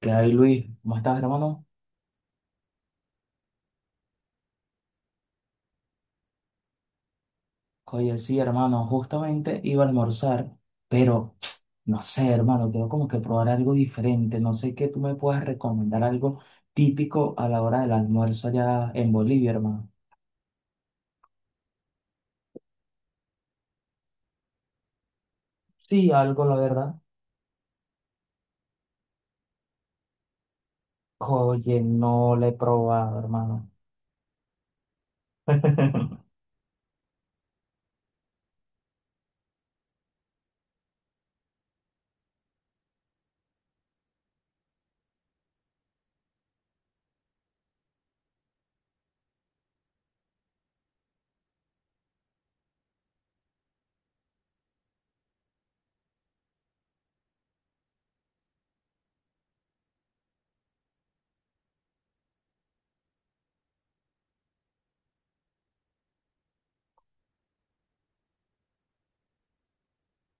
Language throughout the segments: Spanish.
¿Qué hay, Luis? ¿Cómo estás, hermano? Oye, sí, hermano, justamente iba a almorzar, pero no sé, hermano, quiero como que probar algo diferente. No sé qué tú me puedas recomendar, algo típico a la hora del almuerzo allá en Bolivia, hermano. Sí, algo, la verdad. Oye, no le he probado, hermano.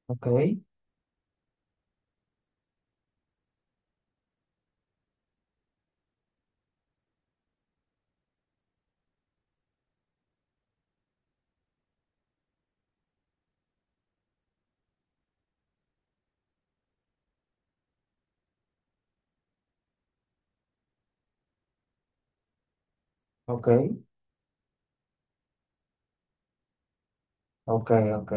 Ok, ok, ok, ok.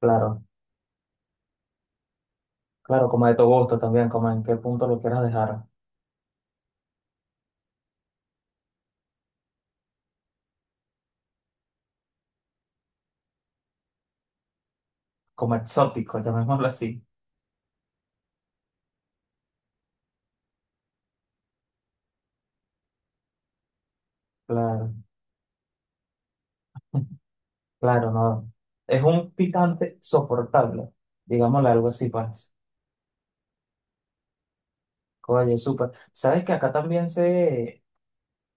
Claro, claro, como de tu gusto también, como en qué punto lo quieras dejar. Como exótico, llamémoslo así. Claro. Claro, no. Es un picante soportable, digámosle algo así, pues. Oye, súper. ¿Sabes que acá también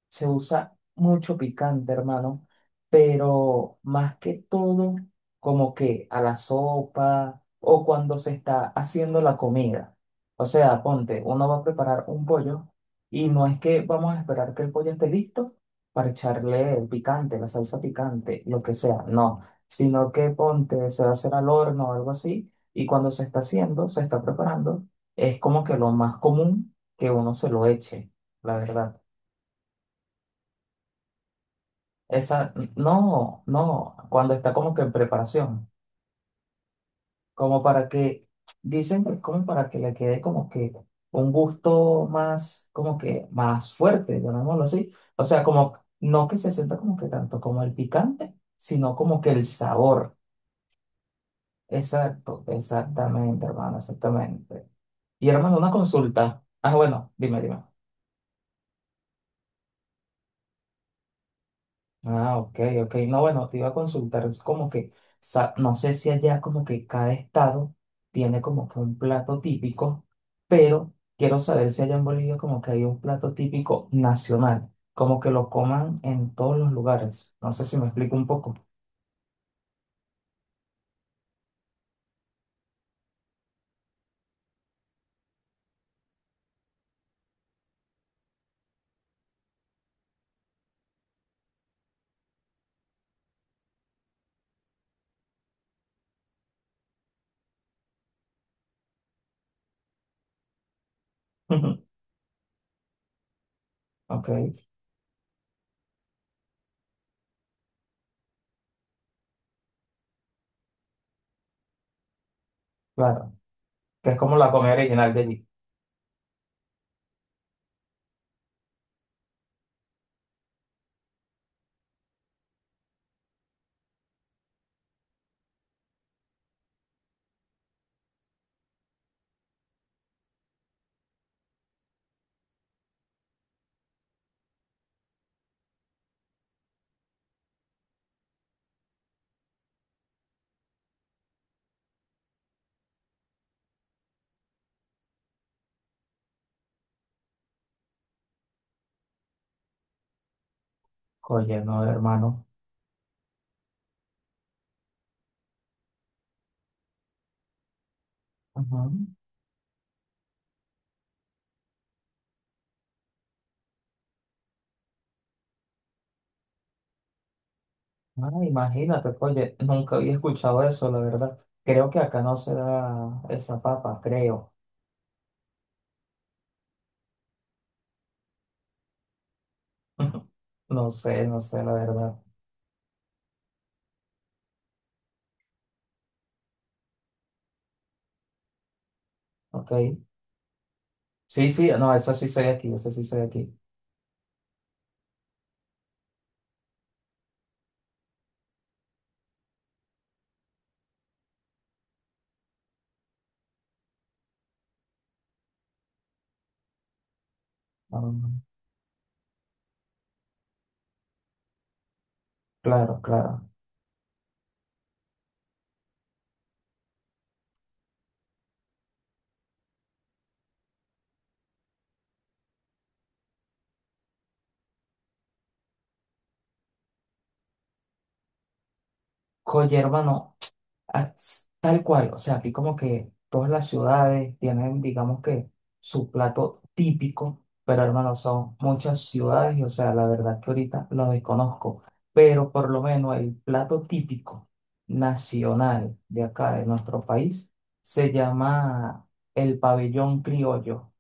se usa mucho picante, hermano, pero más que todo, como que a la sopa o cuando se está haciendo la comida. O sea, ponte, uno va a preparar un pollo y no es que vamos a esperar que el pollo esté listo para echarle el picante, la salsa picante, lo que sea, no, sino que ponte, se va a hacer al horno o algo así y cuando se está haciendo, se está preparando, es como que lo más común que uno se lo eche, la verdad. Esa, no, no, cuando está como que en preparación, como para que, dicen que como para que le quede como que un gusto más, como que más fuerte, llamémoslo así. O sea, como, no que se sienta como que tanto como el picante, sino como que el sabor. Exacto, exactamente, hermano, exactamente. Y hermano, una consulta. Ah, bueno, dime. Ah, ok, ok. No, bueno, te iba a consultar, es como que, no sé si allá como que cada estado tiene como que un plato típico, pero quiero saber si allá en Bolivia como que hay un plato típico nacional, como que lo coman en todos los lugares. No sé si me explico un poco. Ok, claro, que es como la comida original de allí. Oye, no, hermano. Ujú. Ah, imagínate, oye, nunca había escuchado eso, la verdad. Creo que acá no se da esa papa, creo. Ujú. No sé, no sé, la verdad. Ok. Sí, sí, no, eso sí soy aquí, eso sí soy aquí. Mm, claro, claro. Oye, hermano, ah, tal cual, o sea, aquí como que todas las ciudades tienen, digamos que, su plato típico, pero hermano, son muchas ciudades y, o sea, la verdad que ahorita lo desconozco, pero por lo menos el plato típico nacional de acá, de nuestro país, se llama el pabellón criollo.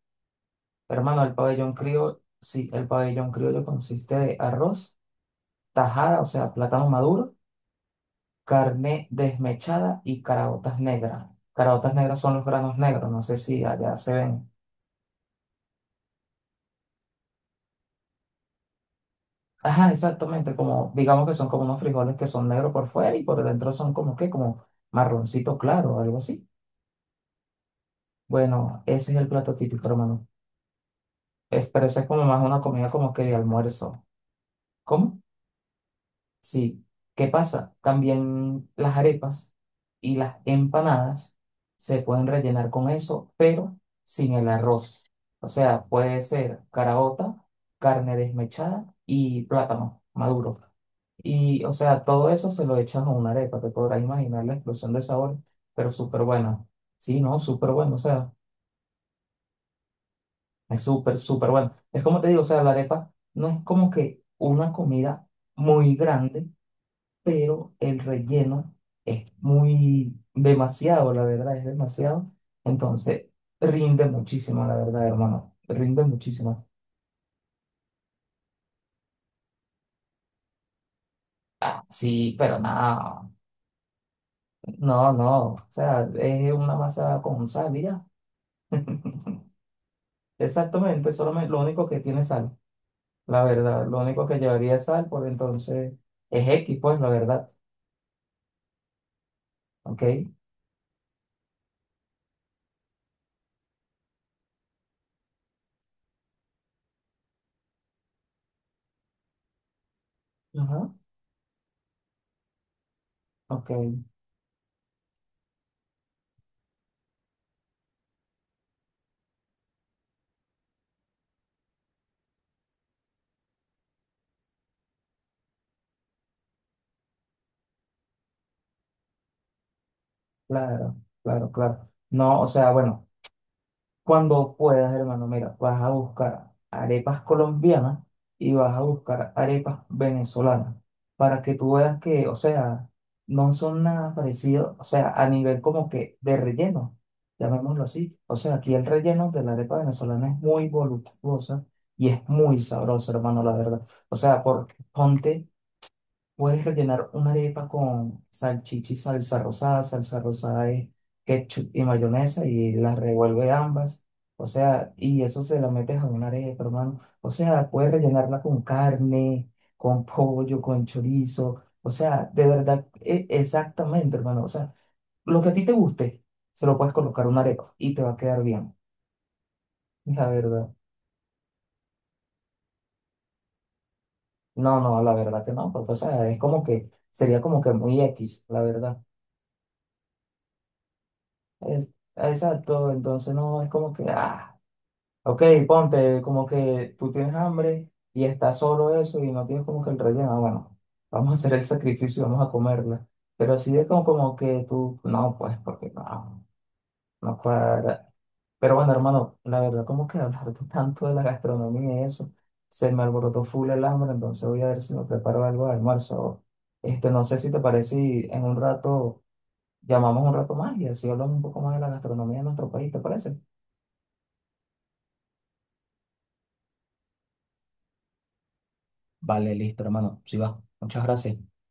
Hermano, el pabellón criollo, sí, el pabellón criollo consiste de arroz, tajada, o sea, plátano maduro, carne desmechada y caraotas negras. Caraotas negras son los granos negros, no sé si allá se ven. Ajá, exactamente, como, digamos que son como unos frijoles que son negros por fuera y por dentro son como que, como marroncito claro o algo así. Bueno, ese es el plato típico, hermano. Es, pero eso es como más una comida como que de almuerzo. ¿Cómo? Sí, ¿qué pasa? También las arepas y las empanadas se pueden rellenar con eso, pero sin el arroz. O sea, puede ser caraota, carne desmechada y plátano maduro. Y, o sea, todo eso se lo echan a una arepa, te podrás imaginar la explosión de sabor, pero súper buena. Sí, no, súper bueno, o sea, es súper, súper bueno. Es como te digo, o sea, la arepa no es como que una comida muy grande, pero el relleno es muy demasiado, la verdad, es demasiado. Entonces, rinde muchísimo, la verdad, hermano, rinde muchísimo. Ah, sí, pero no, no, o sea, es una masa con sal, y ya. Exactamente, solamente lo único que tiene sal, la verdad, lo único que llevaría es sal, pues entonces es X, pues, la verdad, ¿ok? Ajá, ok, claro, claro, claro. No, o sea, bueno. Cuando puedas, hermano, mira, vas a buscar arepas colombianas y vas a buscar arepas venezolanas para que tú veas que, o sea, no son nada parecidos, o sea, a nivel como que de relleno, llamémoslo así. O sea, aquí el relleno de la arepa venezolana es muy voluptuosa y es muy sabroso, hermano, la verdad. O sea, por, ponte, puedes rellenar una arepa con salchicha y salsa rosada. Salsa rosada es ketchup y mayonesa y las revuelve ambas. O sea, y eso se la metes a una arepa, hermano. O sea, puedes rellenarla con carne, con pollo, con chorizo. O sea, de verdad, exactamente, hermano. O sea, lo que a ti te guste, se lo puedes colocar a una arepa y te va a quedar bien. La verdad. No, no, la verdad que no, porque, o sea, es como que sería como que muy X, la verdad. Es- exacto, entonces no es como que, ah, ok, ponte, como que tú tienes hambre y está solo eso y no tienes como que el relleno, ah, bueno, vamos a hacer el sacrificio y vamos a comerla. Pero así es como, como que tú, no, pues, porque no, no cuadra. Pero bueno, hermano, la verdad, como que hablar tanto de la gastronomía y eso, se me alborotó full el hambre, entonces voy a ver si me preparo algo de almuerzo. Este, no sé si te parece y en un rato llamamos un rato más y así hablamos un poco más de la gastronomía de nuestro país, ¿te parece? Vale, listo, hermano. Sí va. Muchas gracias.